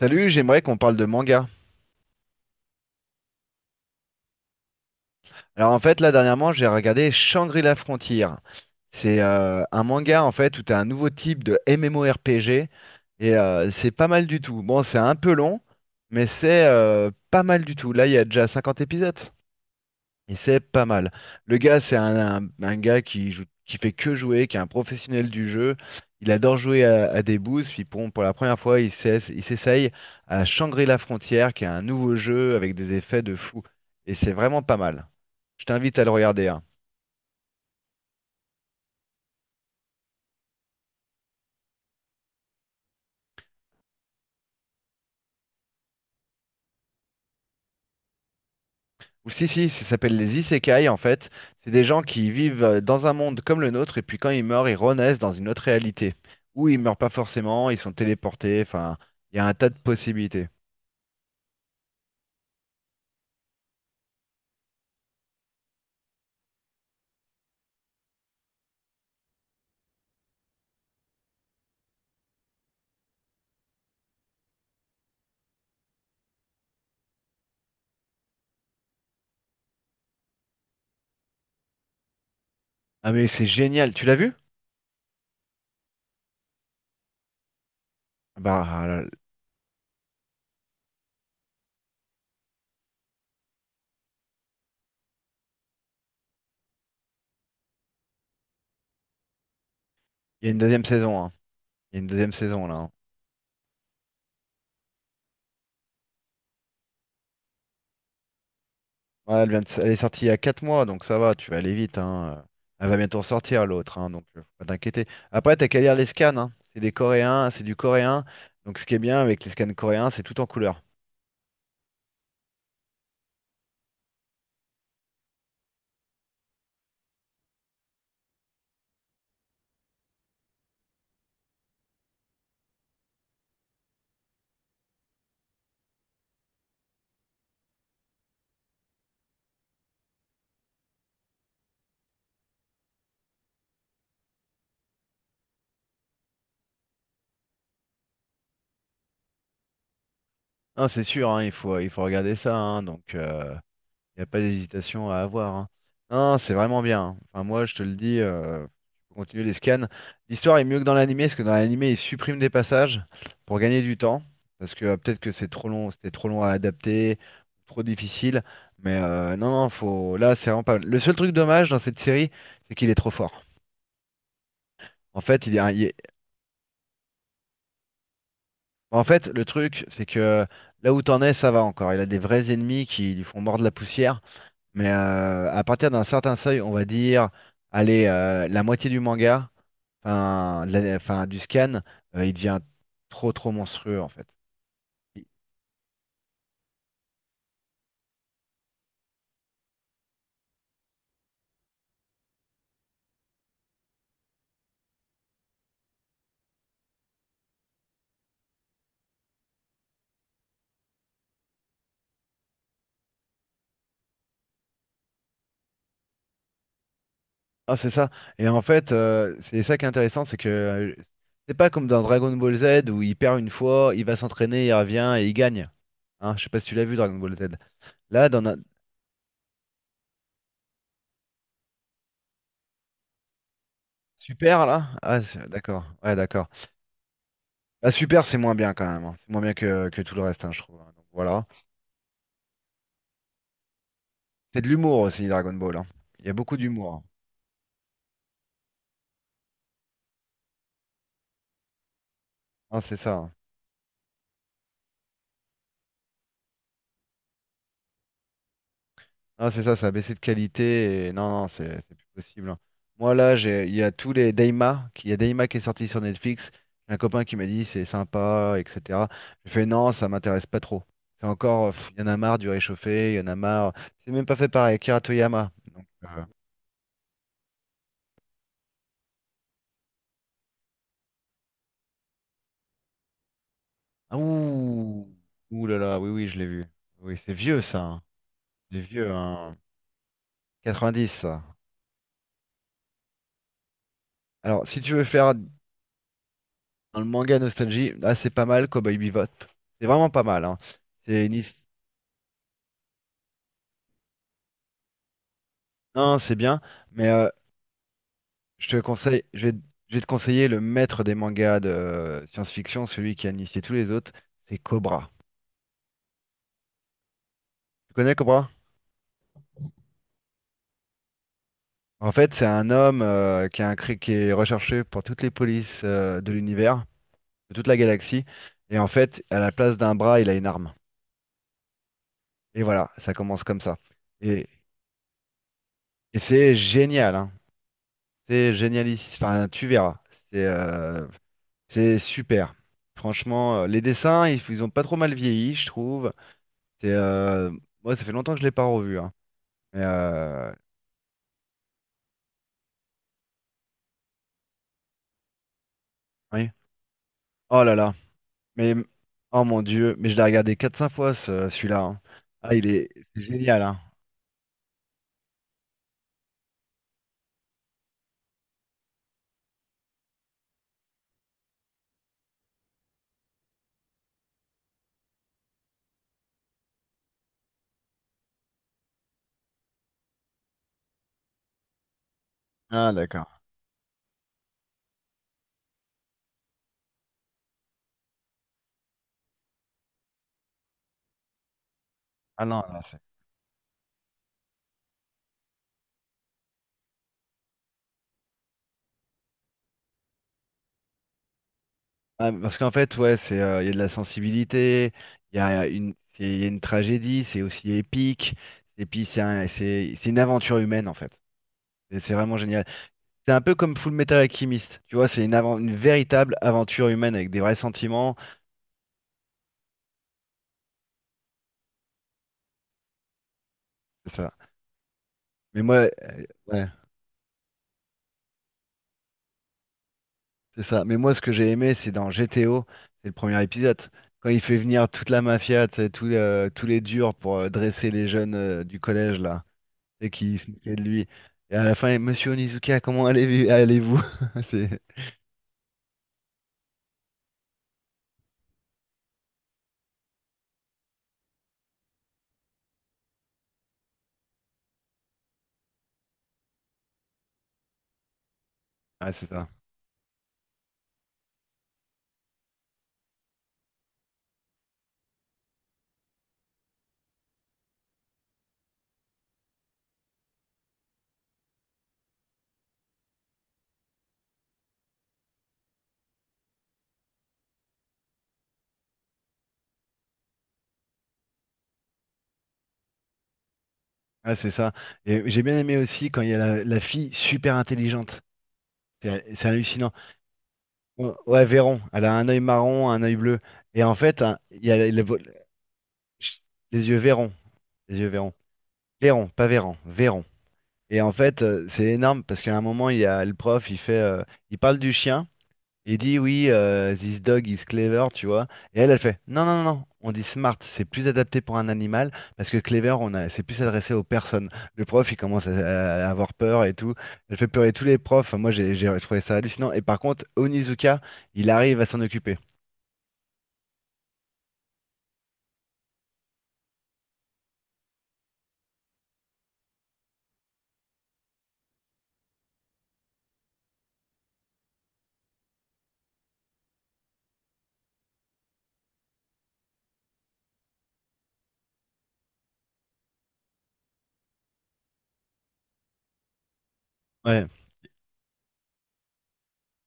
Salut, j'aimerais qu'on parle de manga. Alors en fait, là dernièrement, j'ai regardé Shangri-La Frontier. C'est un manga en fait où tu as un nouveau type de MMORPG et c'est pas mal du tout. Bon, c'est un peu long, mais c'est pas mal du tout. Là, il y a déjà 50 épisodes. Et c'est pas mal. Le gars, c'est un gars qui joue, qui fait que jouer, qui est un professionnel du jeu. Il adore jouer à des boosts. Puis pour la première fois, il s'essaye à Shangri-La Frontière, qui est un nouveau jeu avec des effets de fou. Et c'est vraiment pas mal. Je t'invite à le regarder, hein. Ou si, si, ça s'appelle les isekai en fait. C'est des gens qui vivent dans un monde comme le nôtre, et puis quand ils meurent, ils renaissent dans une autre réalité. Ou ils meurent pas forcément, ils sont téléportés. Enfin, il y a un tas de possibilités. Ah, mais c'est génial. Tu l'as vu? Bah, ah, il y a une deuxième saison, hein. Il y a une deuxième saison là, hein. Ouais, elle vient de s- elle est sortie il y a 4 mois, donc ça va, tu vas aller vite, hein. Elle va bientôt sortir l'autre, hein, donc faut pas t'inquiéter. Après, t'as qu'à lire les scans, hein. C'est des Coréens, c'est du coréen. Donc ce qui est bien avec les scans coréens, c'est tout en couleur. Non, c'est sûr, hein, il faut regarder ça, hein, donc il n'y a pas d'hésitation à avoir, hein. Non, c'est vraiment bien, hein. Enfin, moi, je te le dis, tu peux continuer les scans. L'histoire est mieux que dans l'animé, parce que dans l'animé, ils suppriment des passages pour gagner du temps. Parce que peut-être que c'est trop long, c'était trop long à adapter, trop difficile. Mais non, non, faut... là, c'est vraiment pas mal. Le seul truc dommage dans cette série, c'est qu'il est trop fort. En fait, il est un- il est- en fait, le truc, c'est que là où t'en es, ça va encore. Il a des vrais ennemis qui lui font mordre la poussière. Mais à partir d'un certain seuil, on va dire, allez, la moitié du manga, enfin, enfin, du scan, il devient trop trop monstrueux en fait. Il- Ah, c'est ça. Et en fait, c'est ça qui est intéressant, c'est que c'est pas comme dans Dragon Ball Z où il perd une fois, il va s'entraîner, il revient et il gagne. Hein, je sais pas si tu l'as vu Dragon Ball Z. Là, dans na- Super, là? Ah, d'accord. Ouais, d'accord. Ah, Super, c'est moins bien quand même, hein. C'est moins bien que tout le reste, hein, je trouve, hein. Donc, voilà. C'est de l'humour aussi, Dragon Ball, hein. Il y a beaucoup d'humour, hein. Ah, c'est ça, hein. Ah, c'est ça, ça a baissé de qualité. Non, non, c'est plus possible, hein. Moi, là, il y a tous les Daima il y a Daima qui est sorti sur Netflix. J'ai un copain qui m'a dit c'est sympa, etc. J'ai fait non, ça m'intéresse pas trop. C'est encore, il y en a marre du réchauffé, il y en a marre. C'est même pas fait par Akira Toriyama. Donc, ah, ouh là là, oui, oui, je l'ai vu. Oui, c'est vieux ça, hein. C'est vieux, hein. 90, ça. Alors, si tu veux faire Dans le manga Nostalgie, là c'est pas mal, Cowboy Bebop. C'est vraiment pas mal, hein. C'est une his- Non, c'est bien, mais je te conseille, je vais te conseiller le maître des mangas de science-fiction, celui qui a initié tous les autres, c'est Cobra. Tu connais Cobra? En fait, c'est un homme qui, a un, cri- qui est recherché par toutes les polices de l'univers, de toute la galaxie, et en fait, à la place d'un bras, il a une arme. Et voilà, ça commence comme ça. Et, et c'est génial, hein. C'est génialiste. Enfin, tu verras. C'est euh, C'est super. Franchement, les dessins, ils ont pas trop mal vieilli, je trouve. C'est, euh, moi, ça fait longtemps que je l'ai pas revu, hein. Mais, oui. Oh là là. Mais oh mon Dieu. Mais je l'ai regardé quatre cinq fois celui-là, hein. Ah, c'est génial, hein. Ah, d'accord. Ah, non, non, ah, parce qu'en fait, ouais, il y a de la sensibilité. Il y a une tragédie. C'est aussi épique. Et puis c'est une aventure humaine en fait. Et c'est vraiment génial. C'est un peu comme Full Metal Alchemist, tu vois, c'est une véritable aventure humaine avec des vrais sentiments, c'est ça. Mais moi, ouais, c'est ça. Mais moi, ce que j'ai aimé, c'est dans GTO, c'est le premier épisode, quand il fait venir toute la mafia, tu sais, tous les durs pour dresser les jeunes du collège là, et qui se moquaient de lui. Et à la fin, Monsieur Onizuka, comment allez-vous? C'est, ouais, c'est ça. Ouais, c'est ça. Et j'ai bien aimé aussi quand il y a la fille super intelligente. C'est hallucinant. Ouais, ouais, Véron. Elle a un œil marron, un œil bleu. Et en fait, hein, il y a les yeux Véron. Les yeux Véron. Véron, pas Véran, Véron. Et en fait, c'est énorme parce qu'à un moment, il y a le prof, il parle du chien. Il dit oui, this dog is clever, tu vois. Et elle, elle fait non, non, non, non. On dit smart, c'est plus adapté pour un animal parce que clever, c'est plus adressé aux personnes. Le prof, il commence à avoir peur et tout. Elle fait pleurer tous les profs. Enfin, moi, j'ai trouvé ça hallucinant. Et par contre, Onizuka, il arrive à s'en occuper. Ouais.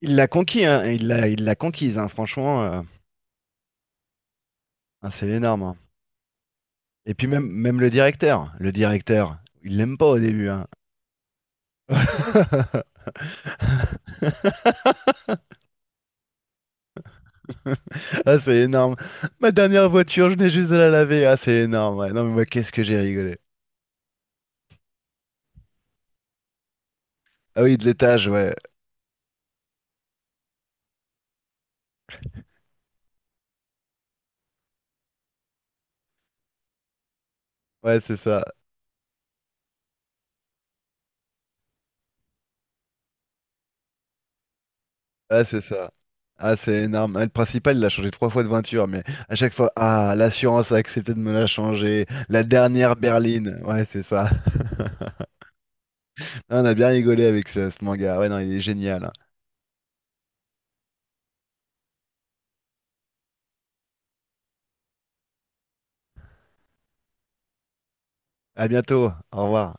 Il l'a conquis, hein, il l'a conquise, hein, franchement, ah, c'est énorme, hein. Et puis même, même le directeur, il l'aime pas au début, hein. Ah, c'est énorme. Ma dernière voiture, je n'ai juste de la laver. Ah, c'est énorme, ouais. Non, mais moi, qu'est-ce que j'ai rigolé. Ah oui, de l'étage, ouais. Ouais, c'est ça. Ouais, c'est ça. Ah, c'est énorme. Ah, le principal, il a changé 3 fois de voiture, mais à chaque fois, ah, l'assurance a accepté de me la changer. La dernière berline. Ouais, c'est ça. Ah, on a bien rigolé avec ce manga. Ouais, non, il est génial, hein. À bientôt. Au revoir.